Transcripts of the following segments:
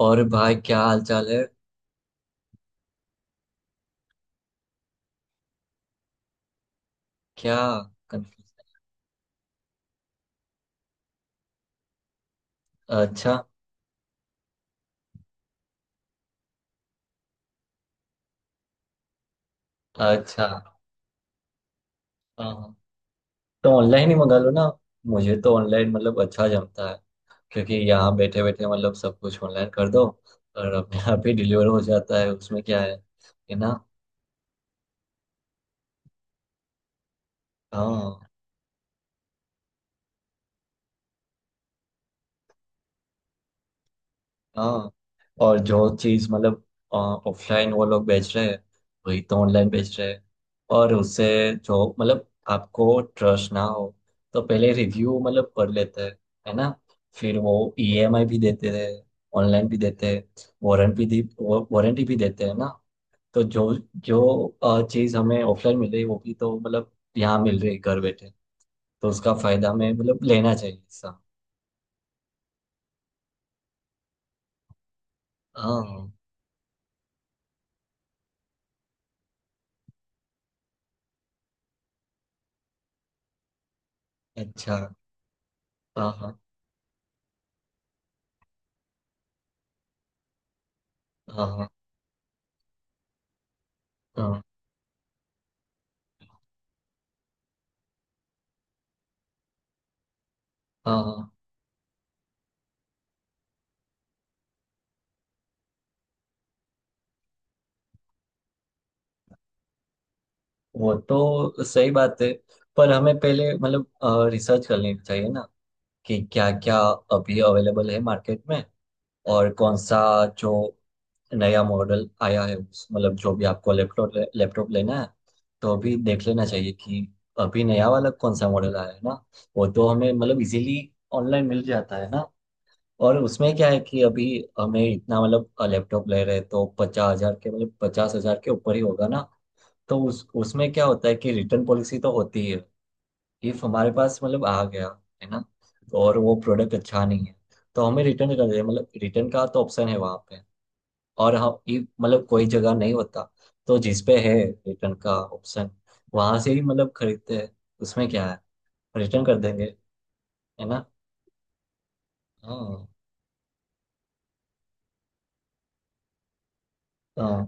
और भाई क्या हाल चाल है। क्या। कंफ्यूज। अच्छा। अच्छा। हाँ हाँ। तो ऑनलाइन ही मंगा लो ना। मुझे तो ऑनलाइन मतलब अच्छा जमता है। क्योंकि यहाँ बैठे बैठे मतलब सब कुछ ऑनलाइन कर दो। और अपने आप ही डिलीवर हो जाता है उसमें क्या है ना। हाँ हाँ। और जो चीज मतलब ऑफलाइन वो लोग बेच रहे हैं। वही तो ऑनलाइन बेच रहे हैं। और उससे जो मतलब आपको ट्रस्ट ना हो तो पहले रिव्यू मतलब पढ़ लेते हैं। है ना। फिर वो ईएमआई भी देते हैं। ऑनलाइन भी देते हैं। वारंटी भी दी वारंटी भी देते हैं ना। तो जो जो चीज हमें ऑफलाइन मिल रही है, वो भी तो मतलब यहाँ मिल रही है घर बैठे। तो उसका फायदा हमें मतलब लेना चाहिए सब। हाँ। अच्छा। हाँ। हाँ हाँ हाँ। हाँ। हाँ हाँ, वो तो सही बात है। पर हमें पहले मतलब रिसर्च कर लेनी चाहिए ना कि क्या क्या अभी अवेलेबल है मार्केट में। और कौन सा जो नया मॉडल आया है मतलब जो भी आपको लैपटॉप लैपटॉप लेना है। तो अभी देख लेना चाहिए कि अभी नया वाला कौन सा मॉडल आया है ना। वो तो हमें मतलब इजीली ऑनलाइन मिल जाता है ना। और उसमें क्या है कि अभी हमें इतना मतलब लैपटॉप ले रहे हैं तो 50,000 के मतलब 50,000 के ऊपर ही होगा ना। तो उस उसमें क्या होता है कि रिटर्न पॉलिसी तो होती है। इफ हमारे पास मतलब आ गया। है ना। और वो प्रोडक्ट अच्छा नहीं है। तो हमें रिटर्न कर दे मतलब रिटर्न का तो ऑप्शन है वहां पे। और हम if मतलब कोई जगह नहीं होता तो जिस पे है रिटर्न का ऑप्शन वहां से ही मतलब खरीदते हैं। उसमें क्या है रिटर्न कर देंगे। है ना। हाँ हाँ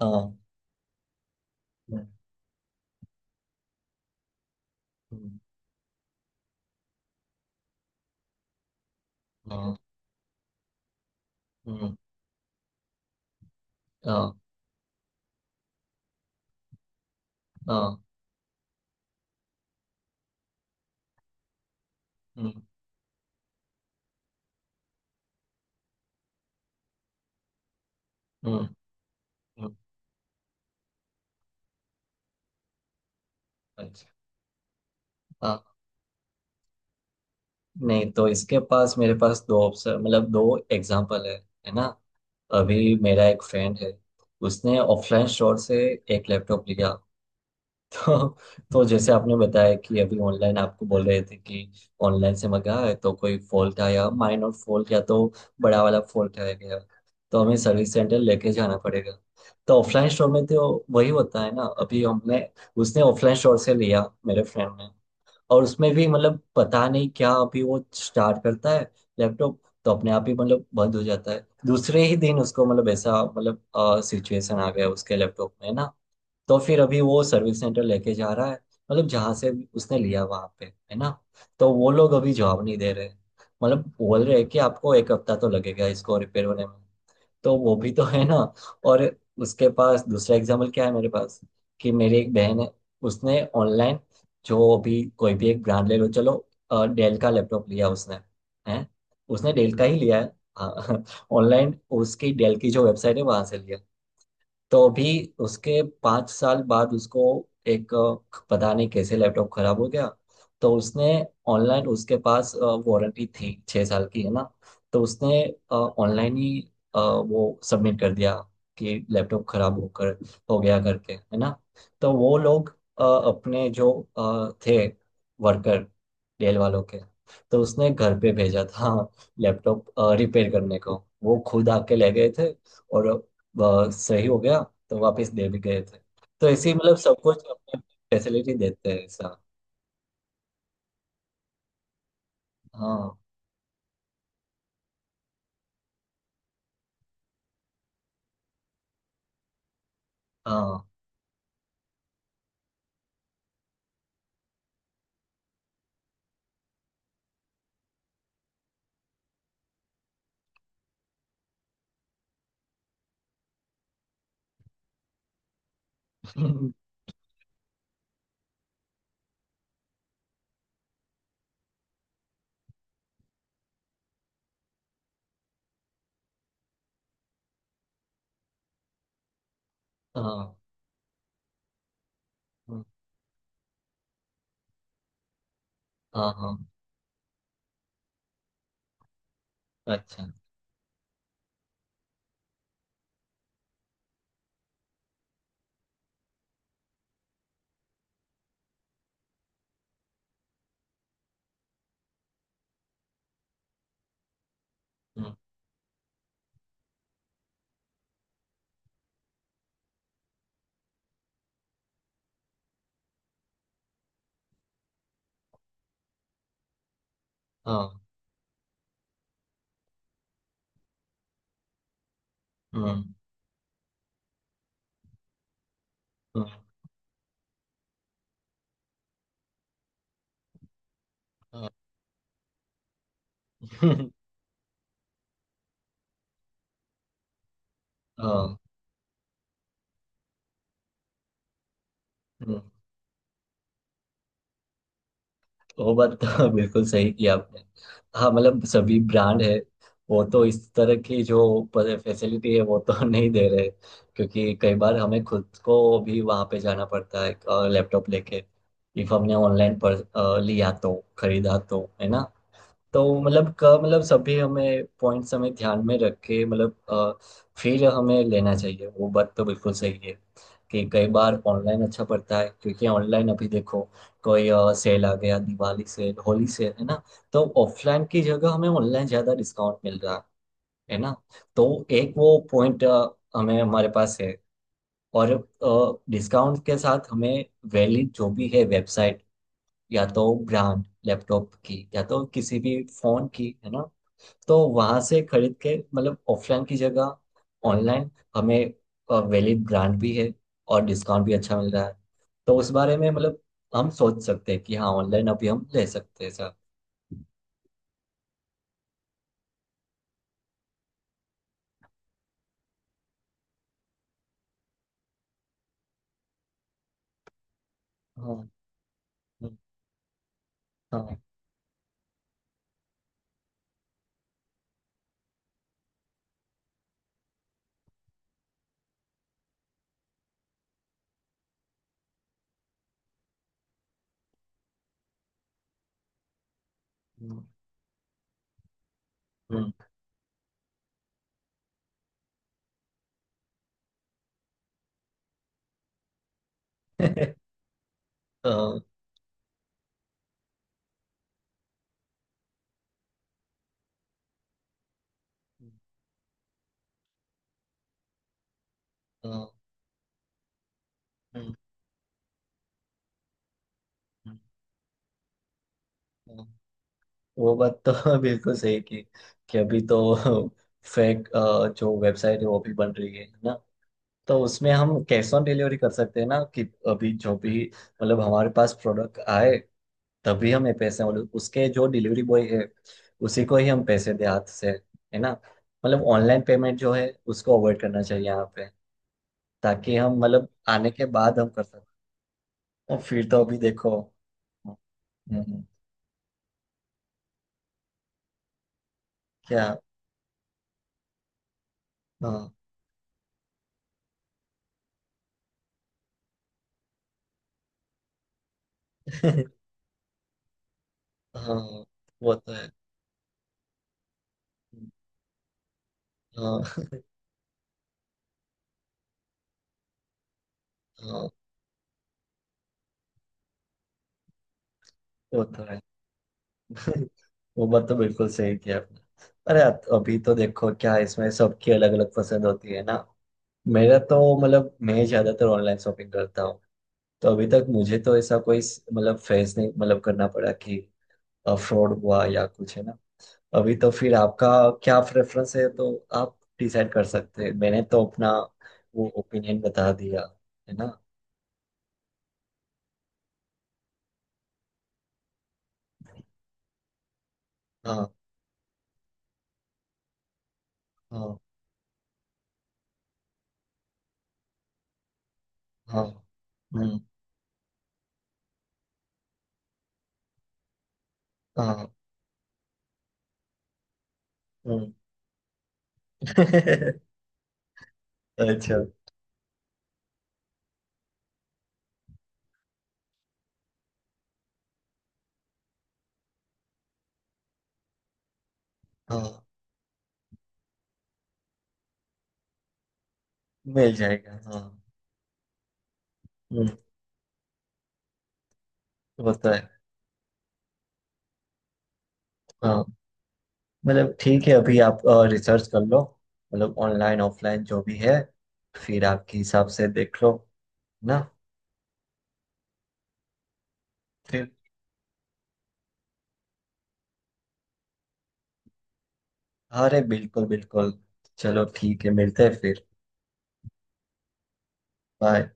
हाँ। हम्म, हम्म, हम्म, हम्म। हाँ हाँ। हम्म, हम्म, हम्म। अच्छा। हाँ। नहीं तो इसके पास मेरे पास दो ऑप्शन मतलब दो एग्जांपल है। है ना। अभी मेरा एक फ्रेंड है। उसने ऑफलाइन स्टोर से एक लैपटॉप लिया। तो तो जैसे आपने बताया कि अभी ऑनलाइन आपको बोल रहे थे कि ऑनलाइन से मंगाया है तो कोई फॉल्ट आया माइनर फॉल्ट या तो बड़ा वाला फॉल्ट आ गया। तो हमें सर्विस सेंटर लेके जाना पड़ेगा। तो ऑफलाइन स्टोर में तो वही होता है ना अभी हमने उसने ऑफलाइन स्टोर से लिया मेरे फ्रेंड ने। और उसमें भी मतलब पता नहीं क्या अभी वो स्टार्ट करता है लैपटॉप। तो अपने आप ही मतलब बंद हो जाता है दूसरे ही दिन उसको मतलब ऐसा मतलब सिचुएशन आ गया उसके लैपटॉप में ना। तो फिर अभी वो सर्विस सेंटर लेके जा रहा है मतलब जहाँ से उसने लिया वहां पे है ना। तो वो लोग अभी जवाब नहीं दे रहे मतलब बोल रहे हैं कि आपको एक हफ्ता तो लगेगा इसको रिपेयर होने में। तो वो भी तो है ना। और उसके पास दूसरा एग्जाम्पल क्या है मेरे पास। कि मेरी एक बहन है। उसने ऑनलाइन जो भी कोई भी एक ब्रांड ले लो चलो। डेल का लैपटॉप लिया उसने। हैं। उसने डेल का ही लिया है ऑनलाइन। उसकी डेल की जो वेबसाइट है वहां से लिया। तो अभी उसके 5 साल बाद उसको एक पता नहीं कैसे लैपटॉप खराब हो गया। तो उसने ऑनलाइन उसके पास वारंटी थी 6 साल की है ना। तो उसने ऑनलाइन ही वो सबमिट कर दिया कि लैपटॉप खराब होकर हो गया करके है ना। तो वो लोग अपने जो थे वर्कर डेल वालों के तो उसने घर पे भेजा था लैपटॉप रिपेयर करने को। वो खुद आके ले गए थे और बहुत सही हो गया। तो वापस दे भी गए थे। तो ऐसे ही मतलब सब कुछ अपने फैसिलिटी देते हैं ऐसा। हाँ हाँ। हाँ हाँ हाँ। अच्छा। हम्म, हाँ। हम्म, हम्म, हाँ। हाँ, हम्म। वो बात तो बिल्कुल सही किया आपने। हाँ मतलब सभी ब्रांड है। वो तो इस तरह की जो फैसिलिटी है वो तो नहीं दे रहे। क्योंकि कई बार हमें खुद को भी वहाँ पे जाना पड़ता है लैपटॉप लेके। इफ हमने ऑनलाइन पर लिया तो खरीदा तो है ना। तो मतलब क मतलब सभी हमें पॉइंट्स हमें ध्यान में रख के मतलब फिर हमें लेना चाहिए वो बात तो बिल्कुल सही है। कि कई बार ऑनलाइन अच्छा पड़ता है क्योंकि ऑनलाइन अभी देखो कोई सेल आ गया दिवाली सेल होली सेल है ना। तो ऑफलाइन की जगह हमें ऑनलाइन ज्यादा डिस्काउंट मिल रहा है। है ना। तो एक वो पॉइंट हमें हमारे पास है। और डिस्काउंट के साथ हमें वैलिड जो भी है वेबसाइट या तो ब्रांड लैपटॉप की या तो किसी भी फोन की है ना। तो वहां से खरीद के मतलब ऑफलाइन की जगह ऑनलाइन हमें वैलिड ब्रांड भी है और डिस्काउंट भी अच्छा मिल रहा है। तो उस बारे में मतलब हम सोच सकते हैं कि हाँ ऑनलाइन अभी हम ले सकते हैं सर। हाँ। हम्म, हाँ। हम्म, हम्म। हाँ, हाँ, हम्म, हम्म। वो बात तो बिल्कुल सही की। कि अभी तो फेक जो वेबसाइट है वो भी बन रही है ना। तो उसमें हम कैश ऑन डिलीवरी कर सकते हैं ना कि अभी जो भी मतलब हमारे पास प्रोडक्ट आए तभी हमें पैसे मतलब उसके जो डिलीवरी बॉय है उसी को ही हम पैसे दे हाथ से। है ना। मतलब ऑनलाइन पेमेंट जो है उसको अवॉइड करना चाहिए यहाँ पे। ताकि हम मतलब आने के बाद हम कर सकते हैं। और फिर तो अभी देखो। हम्म, हम्म। क्या। हाँ। हाँ। वो तो है। हाँ हाँ। वो तो है। वो बात तो बिल्कुल सही किया आपने। अरे अभी तो देखो क्या है, इसमें सबकी अलग अलग पसंद होती है ना। मेरा तो मतलब मैं ज्यादातर ऑनलाइन शॉपिंग करता हूँ। तो अभी तक मुझे तो ऐसा कोई मतलब फेस नहीं मतलब करना पड़ा कि फ्रॉड हुआ या कुछ है ना। अभी तो फिर आपका क्या प्रेफरेंस है तो आप डिसाइड कर सकते हैं मैंने तो अपना वो ओपिनियन बता दिया। है ना। हाँ हाँ हाँ। हम्म। हाँ। हम्म। अच्छा। हाँ। मिल जाएगा। हाँ। हम्म। वो तो है। हाँ मतलब ठीक है अभी आप रिसर्च कर लो मतलब ऑनलाइन ऑफलाइन जो भी है फिर आपके हिसाब से देख लो ना। फिर। अरे बिल्कुल बिल्कुल। चलो ठीक है मिलते हैं फिर। बाय।